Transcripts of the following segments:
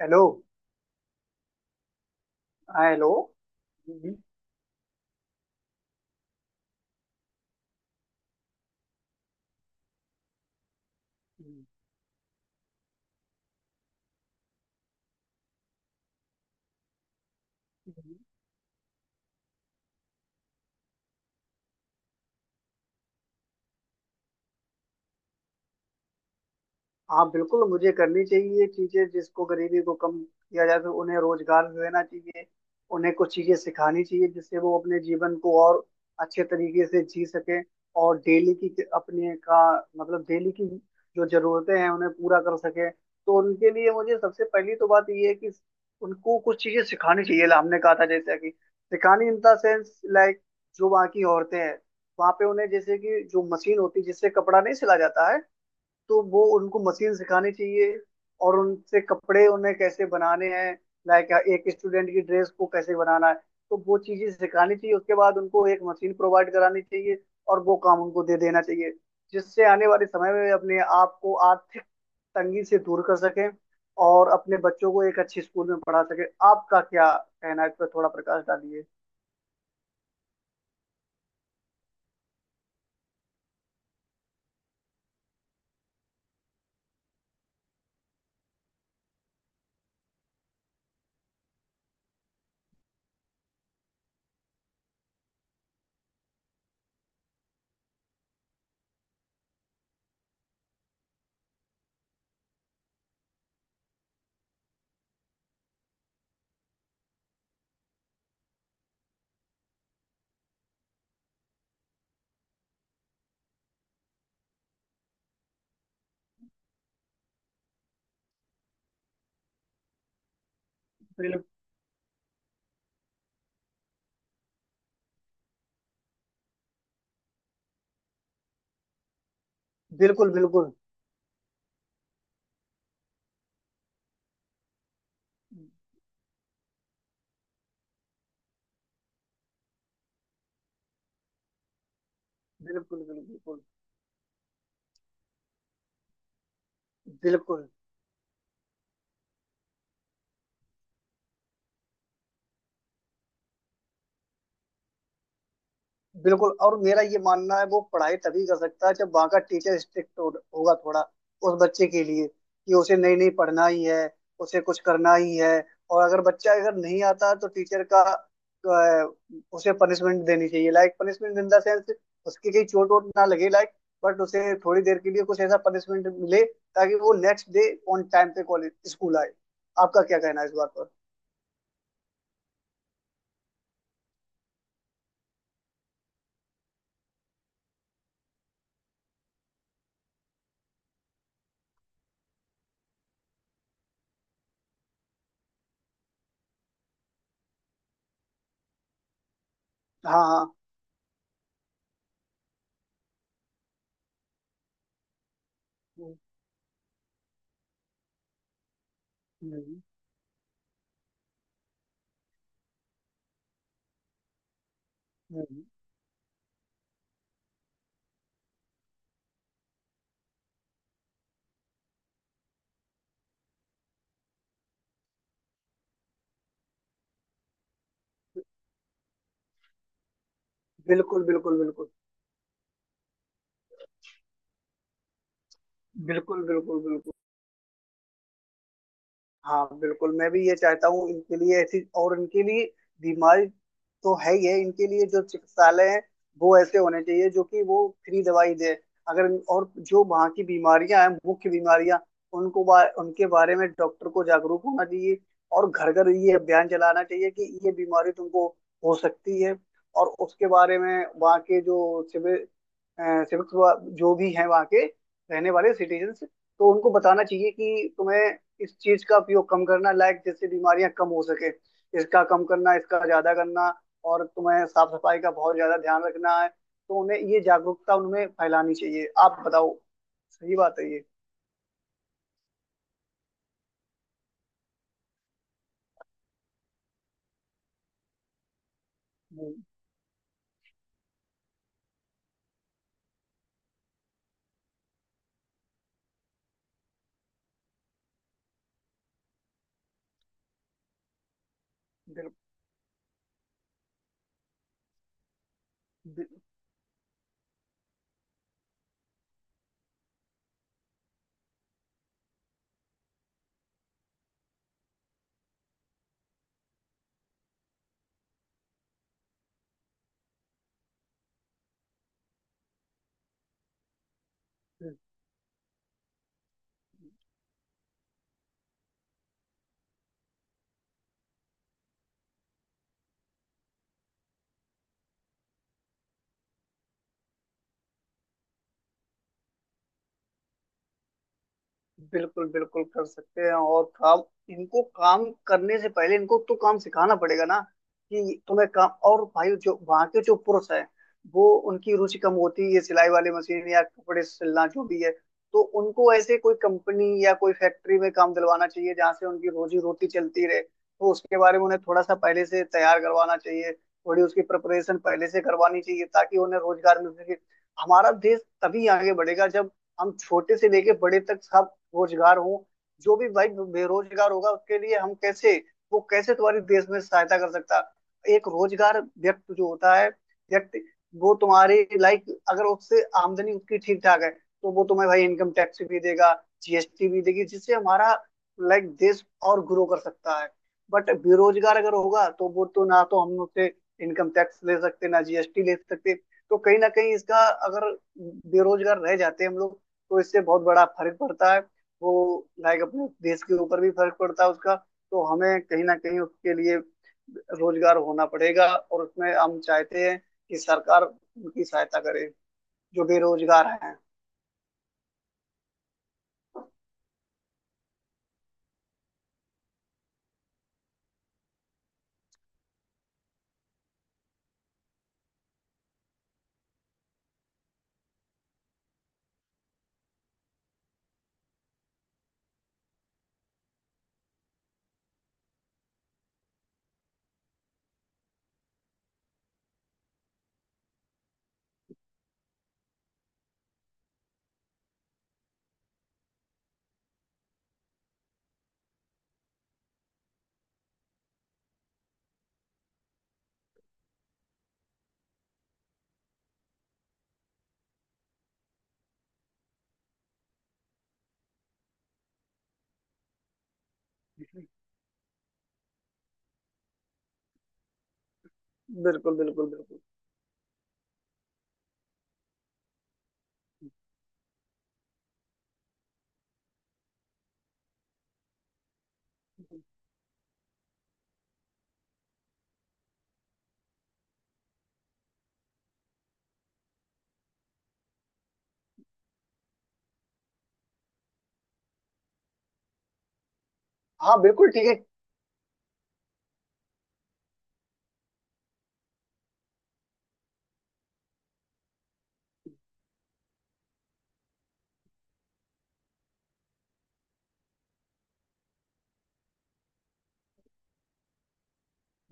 Hello. हाँ, hello. हम्म, हम्म, हाँ बिल्कुल, मुझे करनी चाहिए चीजें जिसको गरीबी को कम किया जा सके। उन्हें रोजगार देना चाहिए, उन्हें कुछ चीजें सिखानी चाहिए जिससे वो अपने जीवन को और अच्छे तरीके से जी सके। और डेली की अपने का मतलब डेली की जो जरूरतें हैं उन्हें पूरा कर सके। तो उनके लिए मुझे सबसे पहली तो बात ये है कि उनको कुछ चीजें सिखानी चाहिए, हमने कहा था जैसे कि सिखानी इन द सेंस लाइक, जो वहाँ की औरतें हैं वहाँ पे उन्हें जैसे कि जो मशीन होती है जिससे कपड़ा नहीं सिला जाता है तो वो उनको मशीन सिखानी चाहिए और उनसे कपड़े उन्हें कैसे बनाने हैं, लाइक एक स्टूडेंट की ड्रेस को कैसे बनाना है। तो वो चीजें सिखानी चाहिए, उसके बाद उनको एक मशीन प्रोवाइड करानी चाहिए और वो काम उनको दे देना चाहिए जिससे आने वाले समय में अपने आप को आर्थिक तंगी से दूर कर सकें और अपने बच्चों को एक अच्छे स्कूल में पढ़ा सके। आपका क्या कहना है इस पर? थोड़ा प्रकाश डालिए। बिल- बिल्कुल, बिल्कुल, बिल्कुल। बिल्कुल, बिल्कुल, बिल्कुल। और मेरा ये मानना है वो पढ़ाई तभी कर सकता है जब वहाँ का टीचर स्ट्रिक्ट हो, होगा थोड़ा उस बच्चे के लिए कि उसे नहीं नहीं पढ़ना ही है, उसे कुछ करना ही है। और अगर बच्चा अगर नहीं आता है, तो टीचर का उसे पनिशमेंट देनी चाहिए, like punishment in the sense उसकी कहीं चोट वोट ना लगे, लाइक, बट उसे थोड़ी देर के लिए कुछ ऐसा पनिशमेंट मिले ताकि वो नेक्स्ट डे ऑन टाइम पे कॉलेज स्कूल आए। आपका क्या कहना है इस बात पर? हाँ, हाँ। हम्म, हम्म, हम्म। बिल्कुल, बिल्कुल, बिल्कुल। बिल्कुल, बिल्कुल, बिल्कुल। हाँ बिल्कुल, मैं भी ये चाहता हूँ इनके लिए ऐसी। और इनके लिए बीमारी तो है ही है, इनके लिए जो चिकित्सालय है वो ऐसे होने चाहिए जो कि वो फ्री दवाई दे। अगर और जो वहाँ की बीमारियां हैं, मुख्य बीमारियां उनको उनके बारे में डॉक्टर को जागरूक होना चाहिए। और घर घर ये अभियान चलाना चाहिए कि ये बीमारी तुमको हो सकती है। और उसके बारे में वहाँ के जो सिविक सिविक जो भी हैं वहाँ के रहने वाले सिटीजन्स, तो उनको बताना चाहिए कि तुम्हें इस चीज का उपयोग कम करना, लाइक जैसे बीमारियां कम हो सके, इसका कम करना इसका ज्यादा करना। और तुम्हें साफ सफाई का बहुत ज्यादा ध्यान रखना है। तो उन्हें ये जागरूकता उनमें फैलानी चाहिए। आप बताओ, सही बात है ये? हम्म, बिल- बिल- बिल्कुल बिल्कुल कर सकते हैं। और काम, इनको काम करने से पहले इनको तो काम सिखाना पड़ेगा ना कि तुम्हें काम। और भाई जो वहाँ के जो पुरुष हैं वो, उनकी रुचि कम होती है ये सिलाई वाली मशीन या कपड़े सिलना जो भी है, तो उनको ऐसे कोई कंपनी या कोई फैक्ट्री में काम दिलवाना चाहिए जहाँ से उनकी रोजी रोटी चलती रहे। तो उसके बारे में उन्हें थोड़ा सा पहले से तैयार करवाना चाहिए, थोड़ी उसकी प्रिपरेशन पहले से करवानी चाहिए ताकि उन्हें रोजगार मिल सके। हमारा देश तभी आगे बढ़ेगा जब हम छोटे से लेके बड़े तक सब रोजगार हो। जो भी भाई बेरोजगार होगा उसके लिए हम कैसे, वो कैसे तुम्हारी देश में सहायता कर सकता। एक रोजगार व्यक्ति जो होता है व्यक्ति, वो तुम्हारे लाइक, अगर उससे आमदनी उसकी ठीक ठाक है तो वो तुम्हें भाई इनकम टैक्स भी देगा, जीएसटी भी देगी, जिससे हमारा लाइक देश और ग्रो कर सकता है। बट बेरोजगार अगर होगा तो वो तो, ना तो हम उससे इनकम टैक्स ले सकते ना जीएसटी ले सकते। तो कहीं ना कहीं इसका, अगर बेरोजगार रह जाते हम लोग, तो इससे बहुत बड़ा फर्क पड़ता है, वो लाइक अपने देश के ऊपर भी फर्क पड़ता है उसका। तो हमें कहीं ना कहीं उसके लिए रोजगार होना पड़ेगा। और उसमें हम चाहते हैं कि सरकार उनकी सहायता करे जो बेरोजगार हैं। बिल्कुल, बिल्कुल, बिल्कुल। हाँ बिल्कुल, ठीक है।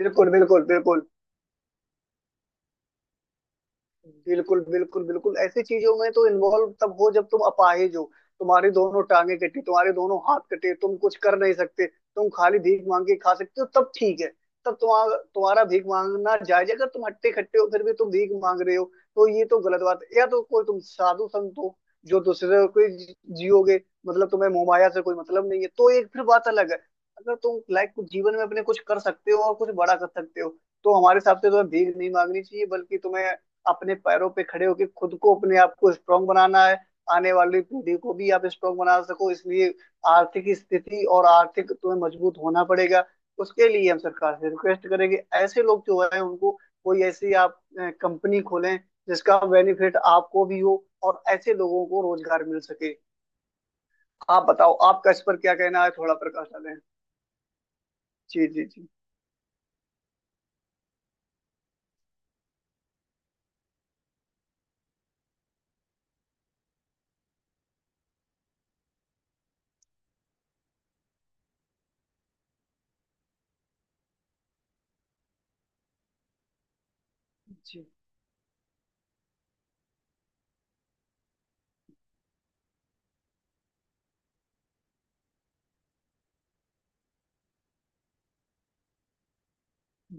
बिल्कुल, बिल्कुल, बिल्कुल। बिल्कुल, बिल्कुल, बिल्कुल। ऐसी चीजों में तो इन्वॉल्व तब हो जब तुम अपाहिज हो, तुम्हारी दोनों टांगे कटी, तुम्हारे दोनों हाथ कटे, तुम कुछ कर नहीं सकते, तुम खाली भीख मांग के खा सकते हो, तब ठीक है, तब तुम्हारा तुम्हारा भीख मांगना जायज है। अगर तुम हट्टे खट्टे हो फिर भी तुम भीख मांग रहे हो तो ये तो गलत बात है। या तो कोई तुम साधु संत हो जो दूसरे को जियोगे, मतलब तुम्हें मोहमाया से कोई मतलब नहीं है, तो एक फिर बात अलग है। अगर तुम लाइफ कुछ जीवन में अपने कुछ कर सकते हो और कुछ बड़ा कर सकते हो तो हमारे हिसाब से तुम्हें भीख नहीं मांगनी चाहिए, बल्कि तुम्हें अपने पैरों पे खड़े होके खुद को अपने आप को स्ट्रांग बनाना है। आने वाली पीढ़ी को भी आप स्ट्रांग बना सको, इसलिए आर्थिक स्थिति और आर्थिक तुम्हें मजबूत होना पड़ेगा। उसके लिए हम सरकार से रिक्वेस्ट करेंगे ऐसे लोग जो है उनको कोई ऐसी आप कंपनी खोलें जिसका बेनिफिट आपको भी हो और ऐसे लोगों को रोजगार मिल सके। आप बताओ, आपका इस पर क्या कहना है? थोड़ा प्रकाश डालें। जी, जी, जी। जी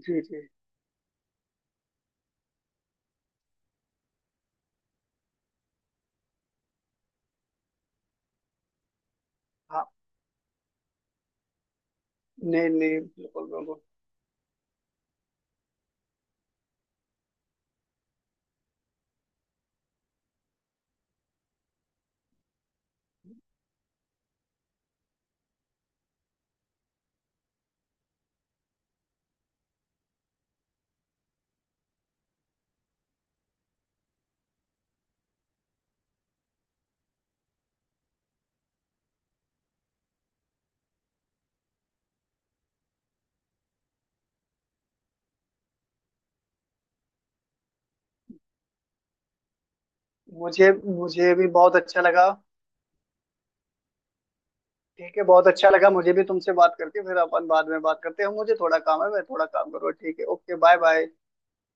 जी जी हाँ। नहीं, नहीं, बिल्कुल, बिल्कुल। मुझे, मुझे भी बहुत अच्छा लगा। ठीक है, बहुत अच्छा लगा मुझे भी तुमसे बात करके। फिर अपन बाद में बात करते हैं, मुझे थोड़ा काम है, मैं थोड़ा काम करूँ। ठीक है, ओके, बाय बाय।